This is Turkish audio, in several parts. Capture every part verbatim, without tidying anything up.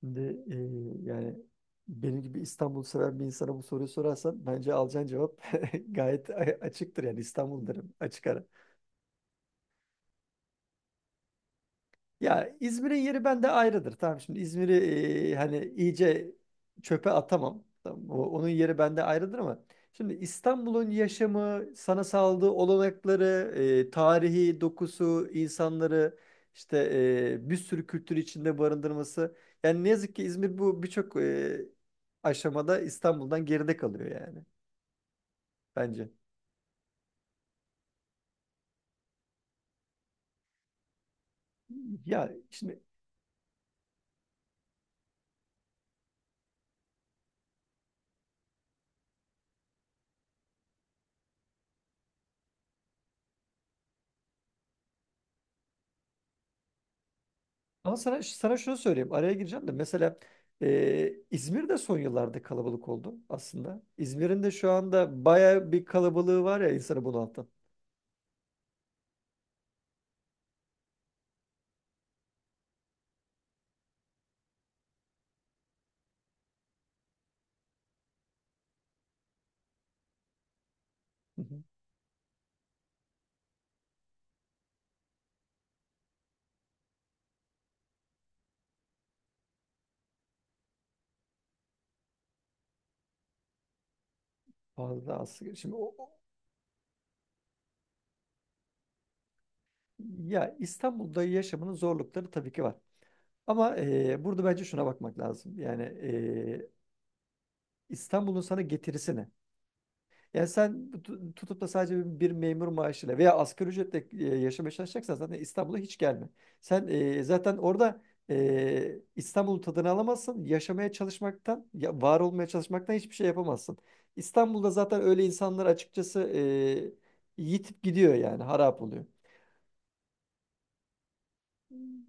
Şimdi e, yani benim gibi İstanbul seven bir insana bu soruyu sorarsan bence alacağın cevap gayet a- açıktır, yani İstanbul derim açık ara. Ya İzmir'in yeri bende ayrıdır. Tamam, şimdi İzmir'i e, hani iyice çöpe atamam. Tamam, o- onun yeri bende ayrıdır, ama şimdi İstanbul'un yaşamı, sana sağladığı olanakları, e, tarihi dokusu, insanları, işte, e, bir sürü kültür içinde barındırması. Yani ne yazık ki İzmir bu birçok e, aşamada İstanbul'dan geride kalıyor, yani, bence. Ya şimdi Ama sana, sana şunu söyleyeyim. Araya gireceğim de. Mesela e, İzmir de son yıllarda kalabalık oldu aslında. İzmir'in de şu anda baya bir kalabalığı var ya, insanı bunaltan. Hı hı. Fazla aslında. Şimdi o, o- ya, İstanbul'da yaşamının zorlukları tabii ki var. Ama e, burada bence şuna bakmak lazım. Yani e, İstanbul'un sana getirisi ne? Yani sen tu- tutup da sadece bir bir memur maaşıyla veya asgari ücretle e, yaşamaya çalışacaksan zaten İstanbul'a hiç gelme. Sen e, zaten orada e, İstanbul'un tadını alamazsın. Yaşamaya çalışmaktan, ya, var olmaya çalışmaktan hiçbir şey yapamazsın. İstanbul'da zaten öyle insanlar, açıkçası, e, yitip gidiyor, yani harap oluyor.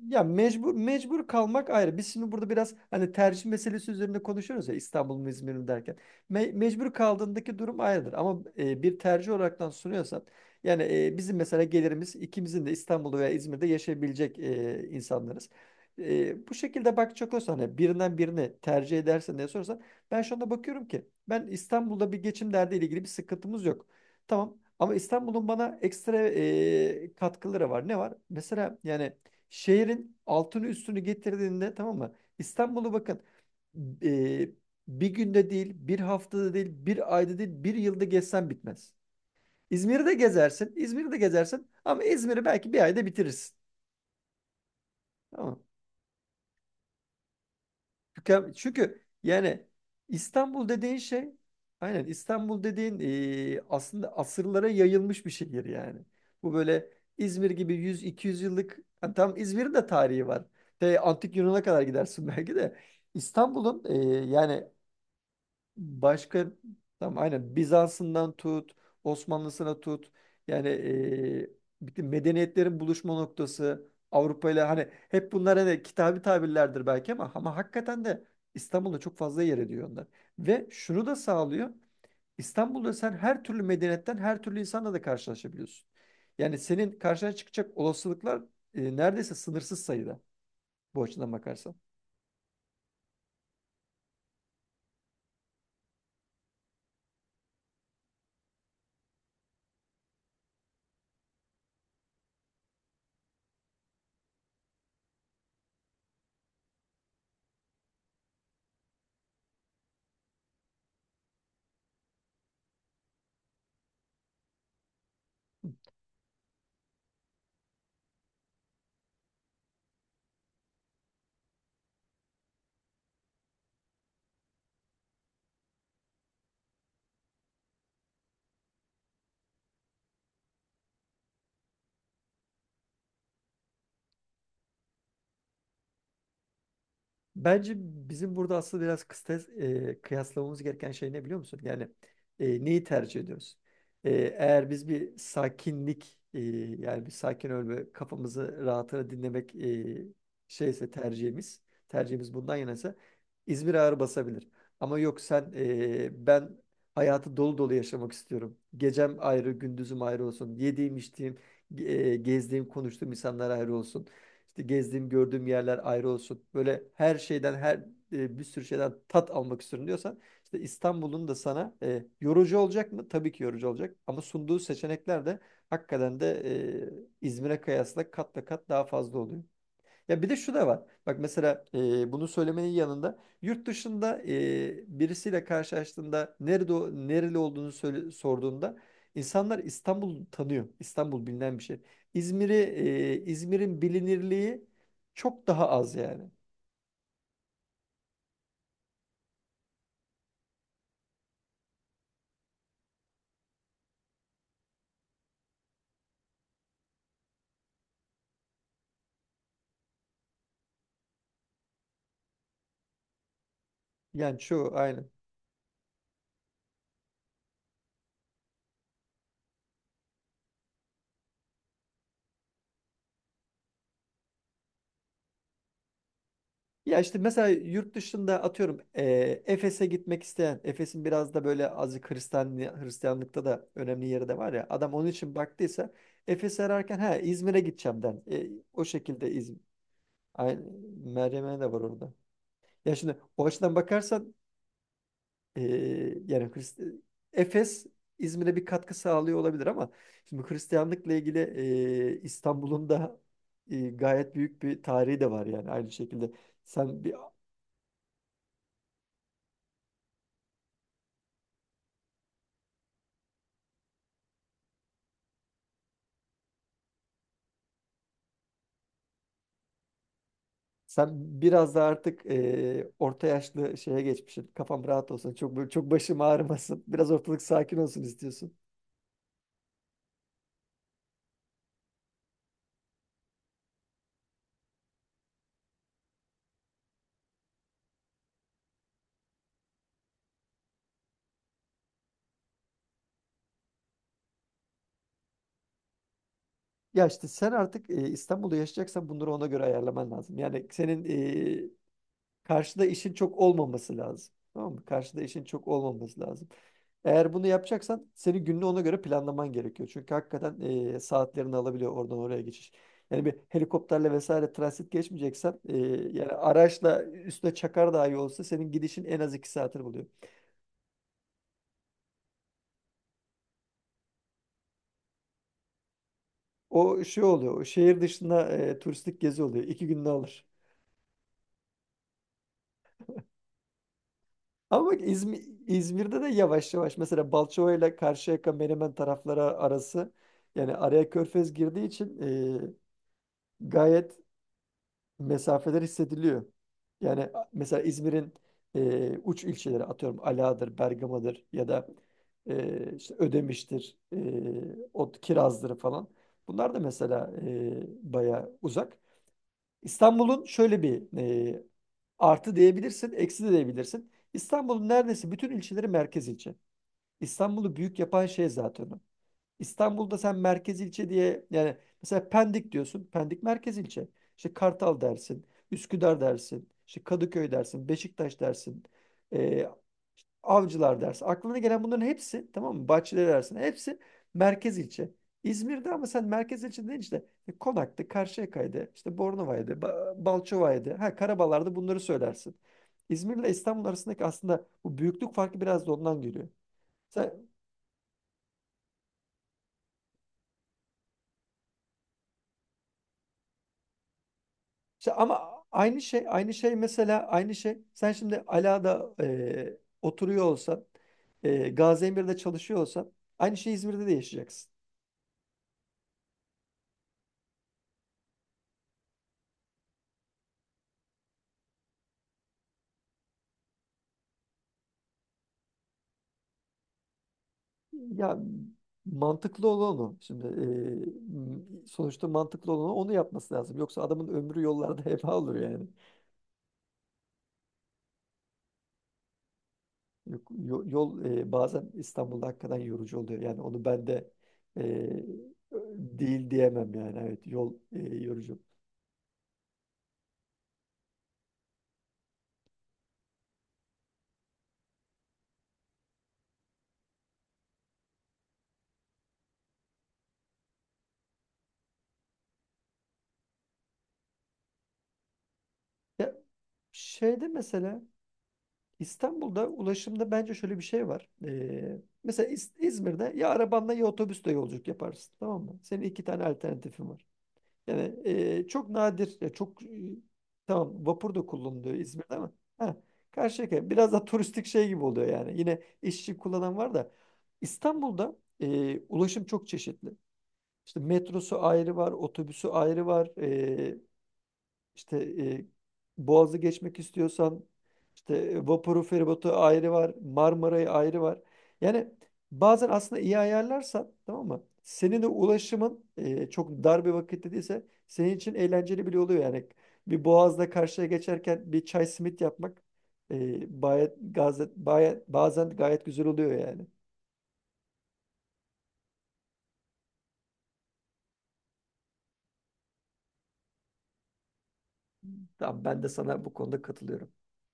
Ya, mecbur mecbur kalmak ayrı. Biz şimdi burada biraz hani tercih meselesi üzerinde konuşuyoruz ya, İstanbul mu İzmir mi derken. Me- mecbur kaldığındaki durum ayrıdır. Ama e, bir tercih olaraktan sunuyorsan, yani, e, bizim mesela gelirimiz ikimizin de İstanbul'da veya İzmir'de yaşayabilecek e, insanlarız. E, bu şekilde bakacak olursan, hani birinden birini tercih edersen diye sorarsan, ben şu anda bakıyorum ki, ben, İstanbul'da bir geçim derdiyle ilgili bir sıkıntımız yok. Tamam, ama İstanbul'un bana ekstra e, katkıları var. Ne var? Mesela, yani, şehrin altını üstünü getirdiğinde, tamam mı, İstanbul'u, bakın, e, bir günde değil, bir haftada değil, bir ayda değil, bir yılda gezsen bitmez. İzmir'i de gezersin, İzmir'i de gezersin, ama İzmir'i belki bir ayda bitirirsin. Tamam mı? Tüken- Çünkü yani İstanbul dediğin şey aynen, İstanbul dediğin, e, aslında asırlara yayılmış bir şehir, yani. Bu böyle İzmir gibi yüz iki yüz yıllık, ha, tam, İzmir'in de tarihi var. Te, Antik Yunan'a kadar gidersin belki de. İstanbul'un e, yani Başka tam aynen Bizans'ından tut, Osmanlısına tut. Yani, eee, bütün medeniyetlerin buluşma noktası Avrupa ile, hani hep bunlar hani kitabi tabirlerdir belki, ama, ama hakikaten de İstanbul'da çok fazla yer ediyor onlar. Ve şunu da sağlıyor. İstanbul'da sen her türlü medeniyetten, her türlü insanla da karşılaşabiliyorsun. Yani, senin karşına çıkacak olasılıklar eee, neredeyse sınırsız sayıda, bu açıdan bakarsan. Bence bizim burada aslında biraz kıstas, e, kıyaslamamız gereken şey ne, biliyor musun? Yani e, neyi tercih ediyoruz? E, Eğer biz bir sakinlik, e, yani, bir sakin ölme, kafamızı rahatına dinlemek e, şeyse tercihimiz tercihimiz bundan yanaysa, İzmir ağır basabilir. Ama, yok, sen, e, ben hayatı dolu dolu yaşamak istiyorum. Gecem ayrı, gündüzüm ayrı olsun. Yediğim, içtiğim, e, gezdiğim, konuştuğum insanlar ayrı olsun. İşte gezdiğim, gördüğüm yerler ayrı olsun. Böyle her şeyden, her e, bir sürü şeyden tat almak istiyorum diyorsan, işte İstanbul'un da sana e, yorucu olacak mı? Tabii ki yorucu olacak. Ama sunduğu seçenekler de hakikaten de e, İzmir'e kıyasla kat ve kat daha fazla oluyor. Ya, bir de şu da var. Bak, mesela, e, bunu söylemenin yanında, yurt dışında e, birisiyle karşılaştığında nerede, o- nereli olduğunu söyle- sorduğunda, insanlar İstanbul'u tanıyor. İstanbul bilinen bir şey. İzmir'i e, İzmir'in bilinirliği çok daha az, yani. Yani çoğu aynı. Ya, işte mesela yurt dışında, atıyorum, e, Efes'e gitmek isteyen, Efes'in biraz da böyle azıcık Hristiyan, Hristiyanlıkta da önemli yeri de var ya. Adam onun için baktıysa, Efes'i ararken, ha, İzmir'e gideceğim den, E, o şekilde İzmir. Aynı, Meryem'e de var orada. Ya, şimdi o açıdan bakarsan, e, yani Hrist- Efes İzmir'e bir katkı sağlıyor olabilir, ama şimdi Hristiyanlıkla ilgili e, İstanbul'un da e, gayet büyük bir tarihi de var, yani aynı şekilde. Sen bir Sen biraz da artık e, orta yaşlı şeye geçmişsin. Kafam rahat olsun. Çok böyle, çok başım ağrımasın. Biraz ortalık sakin olsun istiyorsun. Ya, işte, sen artık e, İstanbul'da yaşayacaksan, bunları ona göre ayarlaman lazım. Yani, senin karşıda işin çok olmaması lazım. Tamam mı? Karşıda işin çok olmaması lazım. Eğer bunu yapacaksan, senin gününü ona göre planlaman gerekiyor. Çünkü hakikaten eee, saatlerini alabiliyor oradan oraya geçiş. Yani bir helikopterle vesaire transit geçmeyeceksen, eee, yani araçla, üstüne çakar dahi olsa, senin gidişin en az iki saatini buluyor. O şey oluyor. O, şehir dışında, eee, turistik gezi oluyor. İki gününü alır. Ama bak, İzmi- İzmir'de de yavaş yavaş, mesela, Balçova ile Karşıyaka Menemen tarafları arası, yani araya Körfez girdiği için, e, gayet mesafeler hissediliyor. Yani a- mesela İzmir'in e, uç ilçeleri, atıyorum, Ala'dır, Bergama'dır, ya da e, işte Ödemiş'tir, e, o Kiraz'dır falan. Bunlar da mesela e, baya uzak. İstanbul'un şöyle bir e, artı diyebilirsin, eksi de diyebilirsin. İstanbul'un neredeyse bütün ilçeleri merkez ilçe. İstanbul'u büyük yapan şey zaten o. İstanbul'da sen merkez ilçe diye, yani, mesela Pendik diyorsun. Pendik merkez ilçe. İşte Kartal dersin, Üsküdar dersin, işte Kadıköy dersin, Beşiktaş dersin, e, Avcılar dersin. Aklına gelen bunların hepsi, tamam mı, Bahçeleri dersin. Hepsi merkez ilçe. İzmir'de ama sen merkez ilçe deyince, işte Konak'tı, Karşıyaka'ydı, işte Bornova'ydı, Ba- Balçova'ydı. Ha, Karabalar'da, bunları söylersin. İzmir'le İstanbul arasındaki aslında bu büyüklük farkı biraz da ondan geliyor. Sen, işte ama aynı şey aynı şey mesela aynı şey, sen şimdi Ala'da e, oturuyor olsan, e, Gaziemir'de çalışıyor olsan, aynı şey İzmir'de de yaşayacaksın. Ya, mantıklı olan o. Şimdi, e, sonuçta, mantıklı olan o, onu yapması lazım. Yoksa adamın ömrü yollarda heba olur, yani. Yok, yo- yol, e, bazen İstanbul'da hakikaten yorucu oluyor. Yani onu ben de e, değil diyemem, yani. Evet, yol e, yorucu. Ya, şeyde, mesela, İstanbul'da ulaşımda bence şöyle bir şey var. E, mesela İz- İzmir'de ya arabanla ya otobüsle yolculuk yaparsın, tamam mı? Senin iki tane alternatifin var. Yani e, çok nadir, ya çok, e, tamam, vapur da kullanılıyor İzmir'de, ama, ha, Karşıyaka biraz da turistik şey gibi oluyor, yani. Yine işçi kullanan var da, İstanbul'da e, ulaşım çok çeşitli. İşte metrosu ayrı var, otobüsü ayrı var, e, işte e, Boğaz'ı geçmek istiyorsan, işte, e, vapuru, feribotu ayrı var, Marmara'yı ayrı var. Yani, bazen aslında iyi ayarlarsan, tamam mı, senin de ulaşımın e, çok dar bir vakitte değilse, senin için eğlenceli bile oluyor, yani. Bir Boğaz'da karşıya geçerken bir çay simit yapmak e, gayet, gazet, bayet, bazen gayet güzel oluyor, yani. Tamam, ben de sana bu konuda katılıyorum.